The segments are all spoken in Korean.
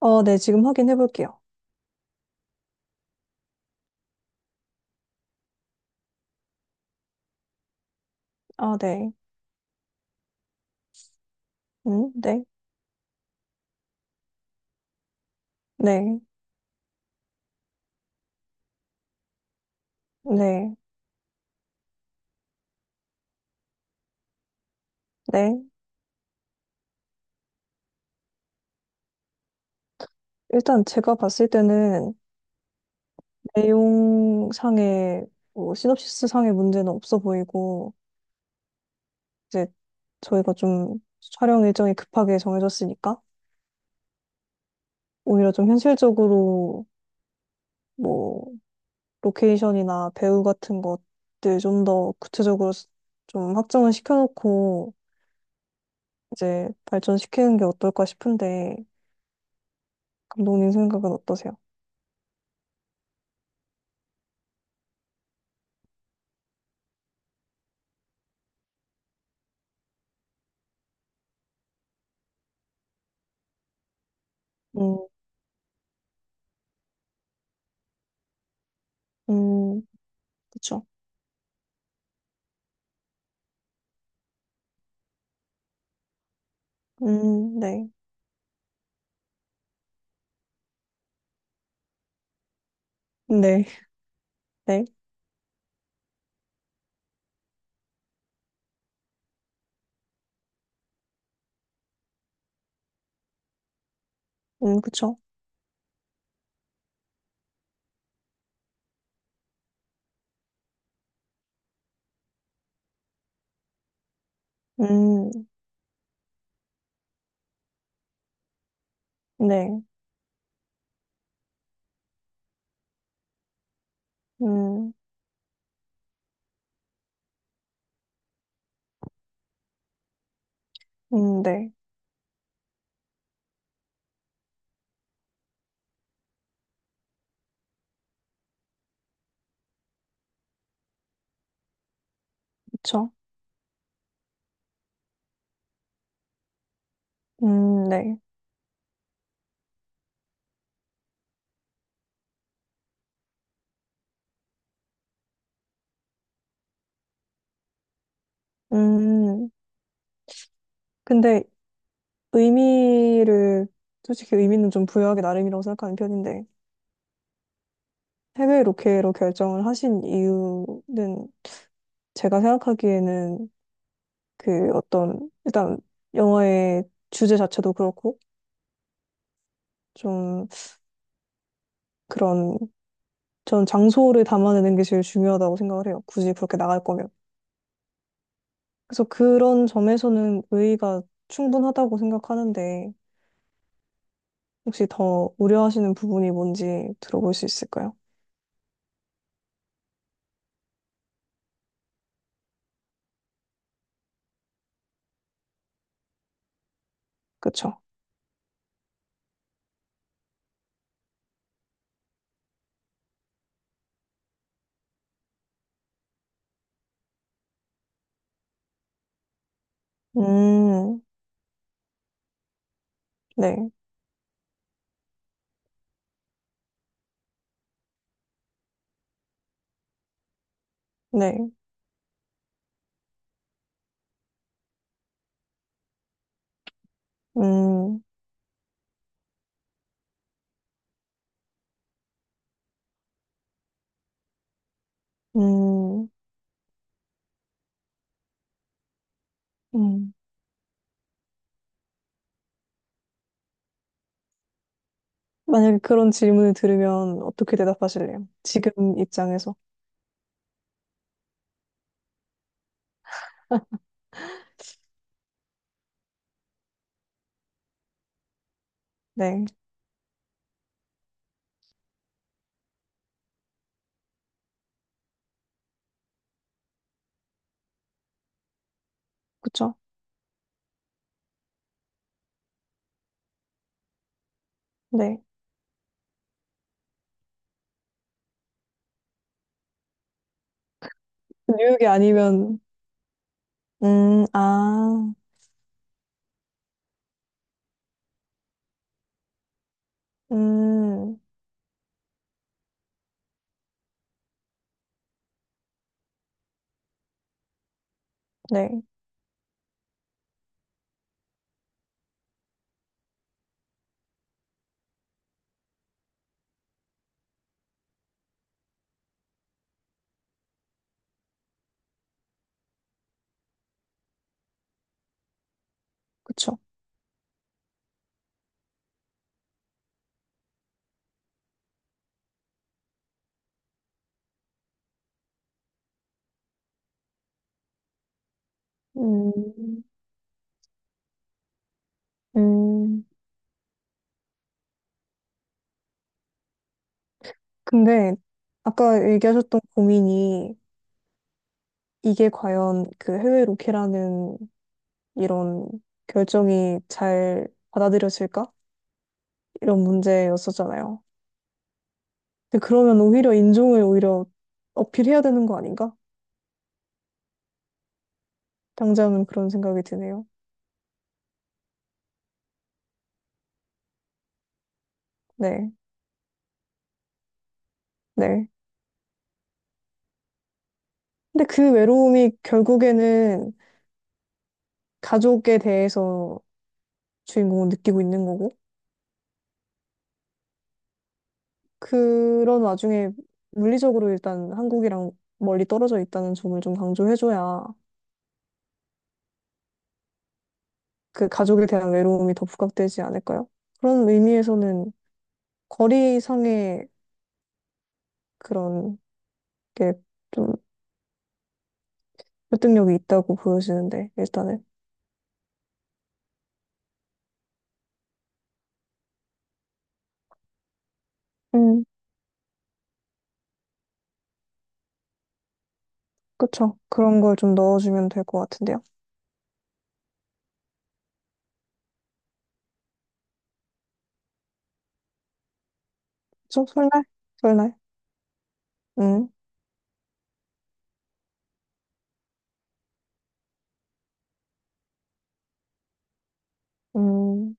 어, 네, 지금 확인해 볼게요. 아, 네. 네. 네. 네. 네. 일단 제가 봤을 때는 내용상의 뭐 시놉시스상의 문제는 없어 보이고 이제 저희가 좀 촬영 일정이 급하게 정해졌으니까 오히려 좀 현실적으로 뭐 로케이션이나 배우 같은 것들 좀 더 구체적으로 좀 확정을 시켜놓고 이제 발전시키는 게 어떨까 싶은데 감독님 생각은 어떠세요? 음, 음. 그쵸. 네. 네. 네. 그쵸. 음, 네. 음, 네. 그쵸. 네. 음, 근데 의미를, 솔직히 의미는 좀 부여하기 나름이라고 생각하는 편인데, 해외 로케로 결정을 하신 이유는 제가 생각하기에는 그 어떤, 일단 영화의 주제 자체도 그렇고, 좀 그런, 전 장소를 담아내는 게 제일 중요하다고 생각을 해요. 굳이 그렇게 나갈 거면. 그래서 그런 점에서는 의의가 충분하다고 생각하는데 혹시 더 우려하시는 부분이 뭔지 들어볼 수 있을까요? 그쵸? 음, 네, 네, 음, 음, 음. 만약에 그런 질문을 들으면 어떻게 대답하실래요? 지금 입장에서. 네, 그쵸? 네. 뉴욕이 아니면, 아, 음, 네, 그쵸? 음, 음. 근데 아까 얘기하셨던 고민이 이게 과연 그 해외 로케라는 이런 결정이 잘 받아들여질까? 이런 문제였었잖아요. 근데 그러면 오히려 인종을 오히려 어필해야 되는 거 아닌가? 당장은 그런 생각이 드네요. 네, 네. 근데 그 외로움이 결국에는 가족에 대해서 주인공은 느끼고 있는 거고, 그런 와중에 물리적으로 일단 한국이랑 멀리 떨어져 있다는 점을 좀 강조해줘야 그 가족에 대한 외로움이 더 부각되지 않을까요? 그런 의미에서는 거리상의 그런 게 좀 설득력이 있다고 보여지는데, 일단은. 음, 그쵸. 그런 걸 좀 넣어주면 될 것 같은데요. 좀 설날? 설날? 음, 음.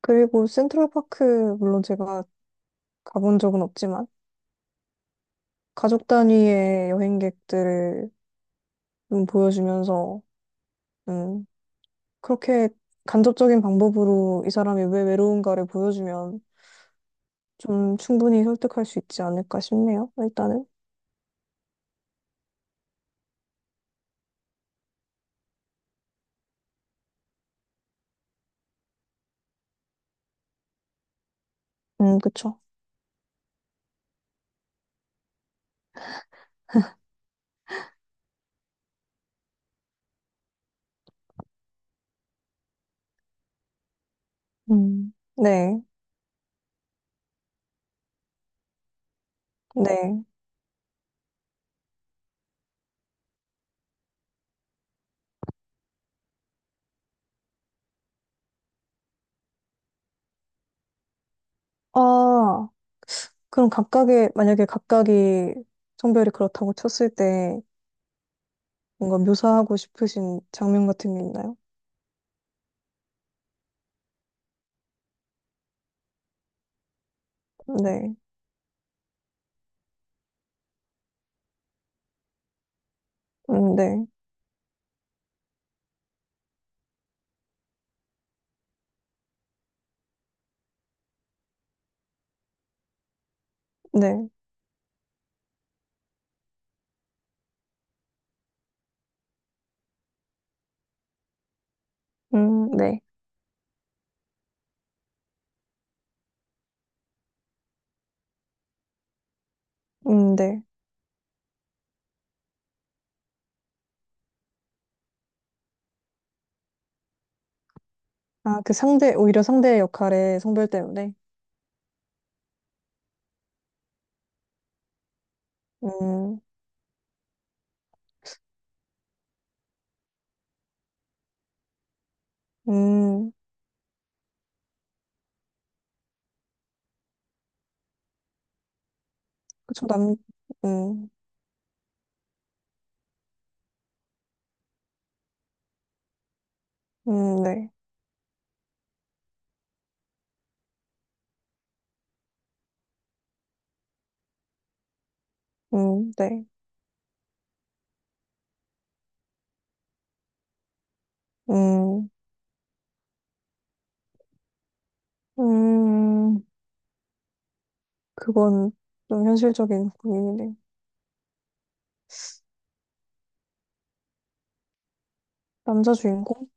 그리고 센트럴파크, 물론 제가 가본 적은 없지만, 가족 단위의 여행객들을 좀 보여주면서, 음, 그렇게 간접적인 방법으로 이 사람이 왜 외로운가를 보여주면 좀 충분히 설득할 수 있지 않을까 싶네요. 일단은. 그쵸. 음. 네, 네. 아, 그럼 각각의, 만약에 각각이 성별이 그렇다고 쳤을 때 뭔가 묘사하고 싶으신 장면 같은 게 있나요? 네, 네, 네, 네, 네. 아, 그 상대, 오히려 상대의 역할의 성별 때문에. 음, 음, 그쵸, 음, 네, 네, 음, 음. 그건 좀 현실적인 고민이네. 남자 주인공?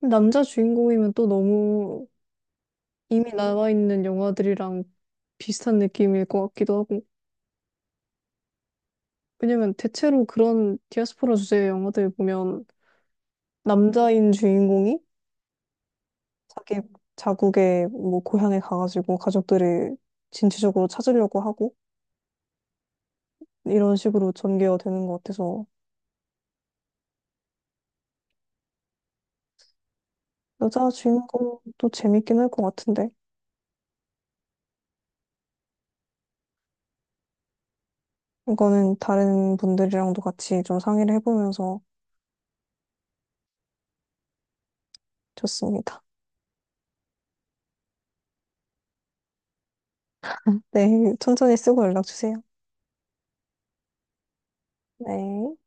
남자 주인공이면 또 너무 이미 나와 있는 영화들이랑 비슷한 느낌일 것 같기도 하고. 왜냐면 대체로 그런 디아스포라 주제의 영화들 보면 남자인 주인공이 자기 자국의 뭐 고향에 가가지고 가족들을 진취적으로 찾으려고 하고 이런 식으로 전개가 되는 것 같아서 여자 주인공도 재밌긴 할 것 같은데 이거는 다른 분들이랑도 같이 좀 상의를 해보면서 좋습니다. 네, 천천히 쓰고 연락 주세요. 네.